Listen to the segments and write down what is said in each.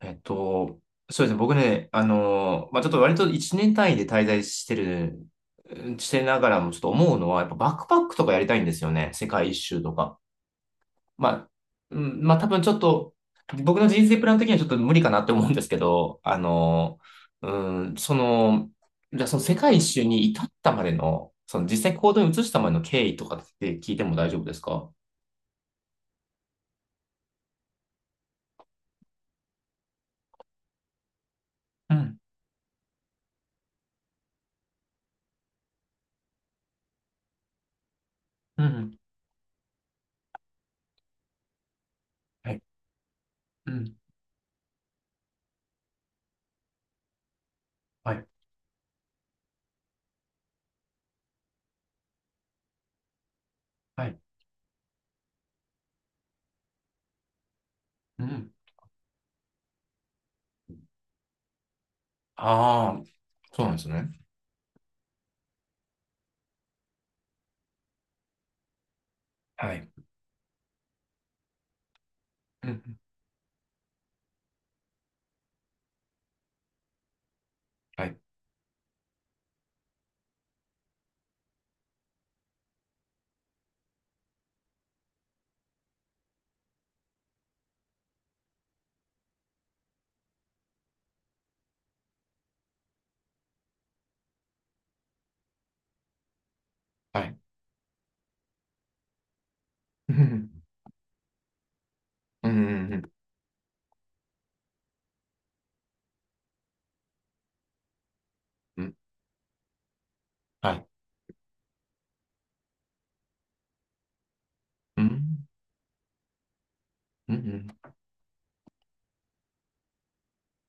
えっと、そうですね。僕ね、まあ、ちょっと割と1年単位で滞在してる、うんしてながらもちょっと思うのは、やっぱバックパックとかやりたいんですよね。世界一周とか。まあ、うん、まあ多分ちょっと、僕の人生プラン的にはちょっと無理かなって思うんですけど、うん、その、じゃあその世界一周に至ったまでの、その実際行動に移したまでの経緯とかって聞いても大丈夫ですか？うん、うん、はい、うん、はい、はい、うん。ああ、そうなんですね。はい。うん。はい。はい。うん。うん。うん。うんはい。うん。うん。うん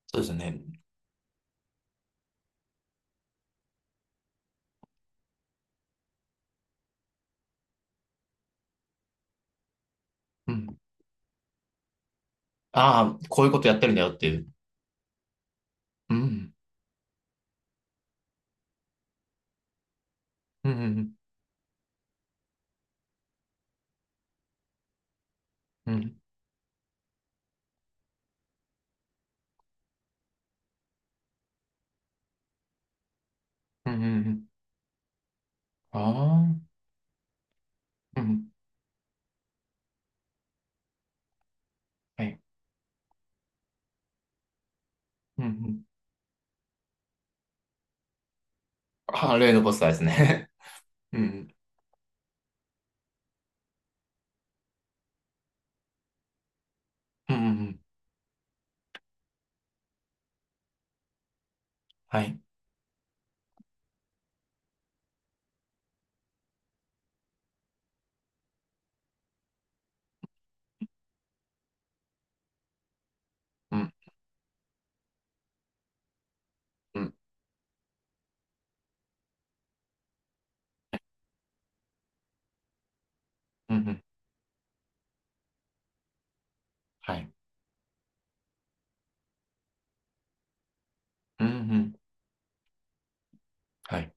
そうですね。うん。ああ、こういうことやってるんだよっていう。うん。うん。うん。うん。うん。うんああー。うん。はい。うん。うんああ、例のポスターですね。うん。うん。うん。うんはい。うん。うん。うん。うんはい。うん。うんはい。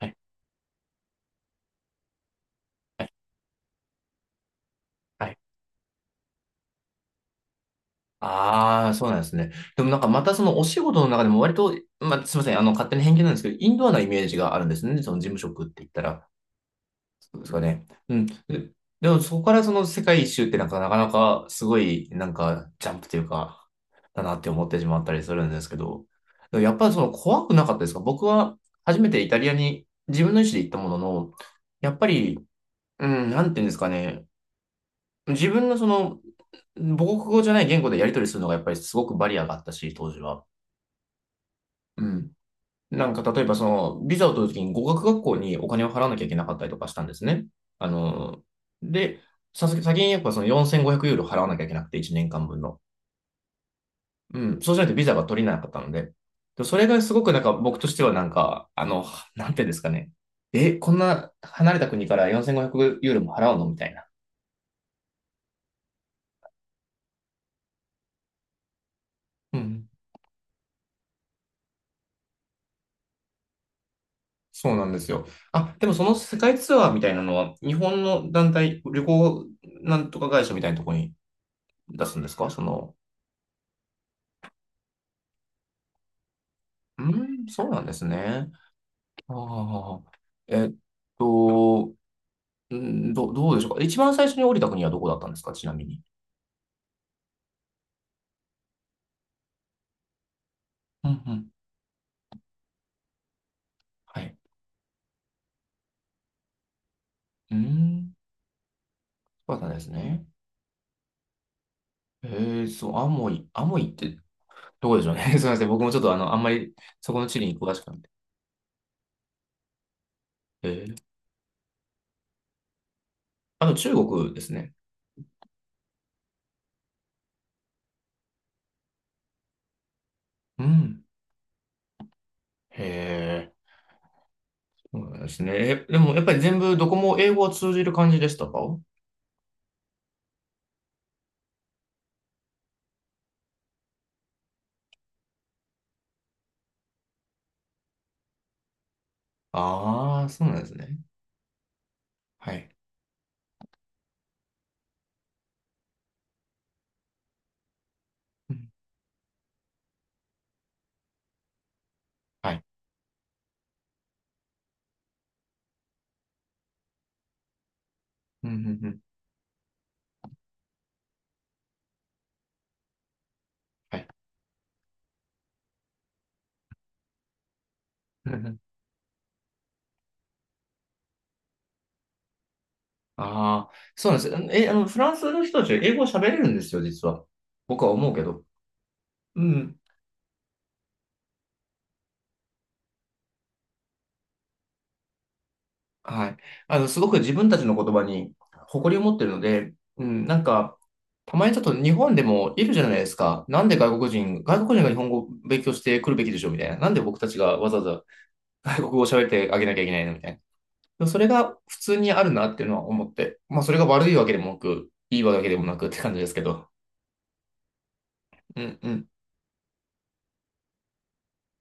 はい。はい。はいああ、そうなんですね。でもなんかまたそのお仕事の中でも割と、まあ、すみません、勝手に偏見なんですけど、インドアなイメージがあるんですね。その事務職って言ったら、そうですかね。うん。で、でもそこからその世界一周ってなんかなかなかすごいなんかジャンプというか、だなって思ってしまったりするんですけど、でもやっぱりその怖くなかったですか？僕は初めてイタリアに自分の意思で行ったものの、やっぱり、うん、なんていうんですかね。自分のその、母国語じゃない言語でやり取りするのがやっぱりすごくバリアがあったし、当時は。うん。なんか例えばその、ビザを取るときに語学学校にお金を払わなきゃいけなかったりとかしたんですね。あの、で、さす先にやっぱその4500ユーロ払わなきゃいけなくて、1年間分の。うん。そうしないとビザが取れなかったので。でそれがすごくなんか僕としてはなんか、なんていうんですかね。え、こんな離れた国から4500ユーロも払うのみたいな。うんそうなんですよ。あ、でもその世界ツアーみたいなのは、日本の団体、旅行なんとか会社みたいなところに出すんですかその？うん、そうなんですね。ああ、えっと、うんどうでしょうか。一番最初に降りた国はどこだったんですかちなみに？うんうん。はい。うん、そうだったんですね。えー、そう、アモイ、アモイってどこでしょうね。すみません。僕もちょっとあんまりそこの地理に詳しくなくて。えー、あと中国ですね。うん。へえ。そうなんですね。え、でもやっぱり全部どこも英語は通じる感じでしたか？ああー、そうなんですね。はい。うんはい。うんうんうんはい。ああー、そうなんです。え、フランスの人たちは英語を喋れるんですよ、実は。僕は思うけど。うん。はい。すごく自分たちの言葉に誇りを持ってるので、うん、なんか、たまにちょっと日本でもいるじゃないですか。なんで外国人、外国人が日本語を勉強してくるべきでしょうみたいな。なんで僕たちがわざわざ外国語を喋ってあげなきゃいけないのみたいな。それが普通にあるなっていうのは思って、まあそれが悪いわけでもなく、いいわけでもなくって感じですけど。うんうん。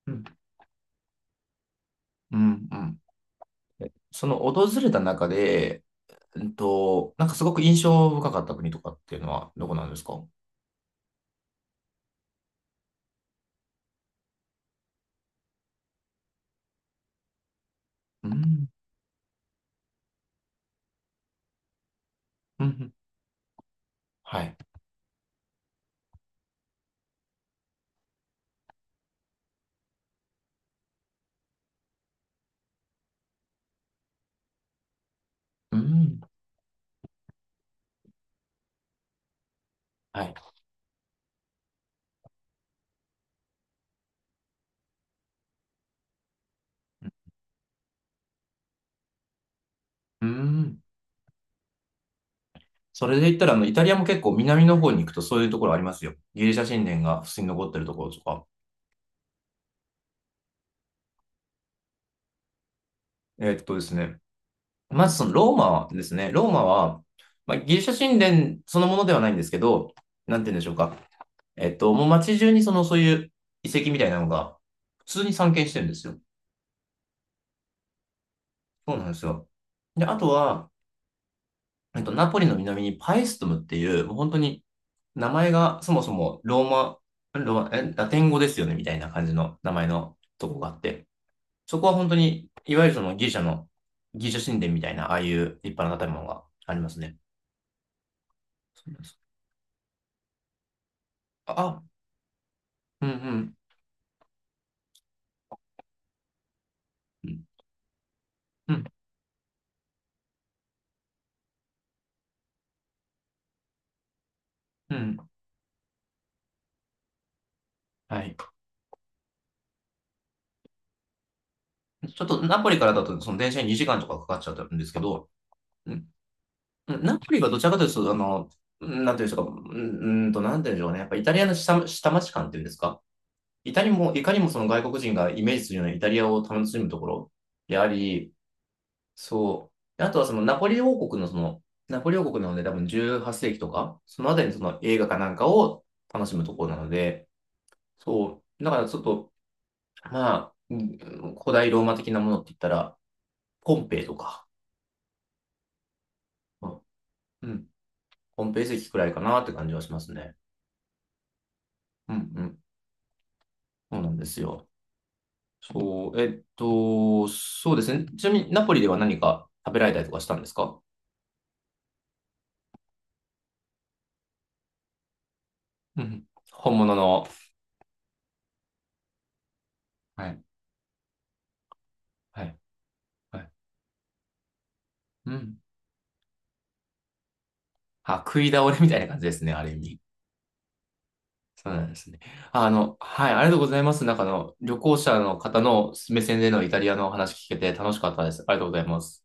うんうんうん。その訪れた中で、うんと、なんかすごく印象深かった国とかっていうのはどこなんですか？うん、うん、はい。うん、はい。うん。それで言ったら、イタリアも結構南の方に行くとそういうところありますよ。ギリシャ神殿が普通に残ってるところとか。ですね、まずそのローマですね。ローマは、まあ、ギリシャ神殿そのものではないんですけど、なんて言うんでしょうか。もう街中にその、そういう遺跡みたいなのが、普通に散見してるんですよ。そうなんですよ。で、あとは、ナポリの南にパエストムっていう、もう本当に名前がそもそもローマ、ローマ、え、ラテン語ですよね、みたいな感じの名前のとこがあって、そこは本当に、いわゆるそのギリシャの、ギリシャ神殿みたいな、ああいう立派な建物がありますね。そうですあ、うんうんうんうんうんはい。ちょっとナポリからだと、その電車に2時間とかかかっちゃうんですけど、うんうんナポリがどちらかというと、うんなんていうんでしょうか、うんうんと、なんていうんでしょうね、やっぱイタリアの下町感っていうんですか、いかにも、いかにもその外国人がイメージするようなイタリアを楽しむところであり、そう、あとはそのナポリ王国のその、ナポリ王国なので多分18世紀とか、そのあたりにその映画かなんかを楽しむところなので、そう、だからちょっと、まあ、古代ローマ的なものって言ったら、ポンペイとか、うん、うん、ポンペイ遺跡くらいかなって感じはしますね。うん、うん、そうなんですよ。そう、そうですね。ちなみに、ナポリでは何か食べられたりとかしたんですか？うん、本物の。はい、はい、はい。うん。あ、食い倒れみたいな感じですね、ある意味。そうなんですね。はい、ありがとうございます。なんかあの、旅行者の方の目線でのイタリアのお話聞けて楽しかったです。ありがとうございます。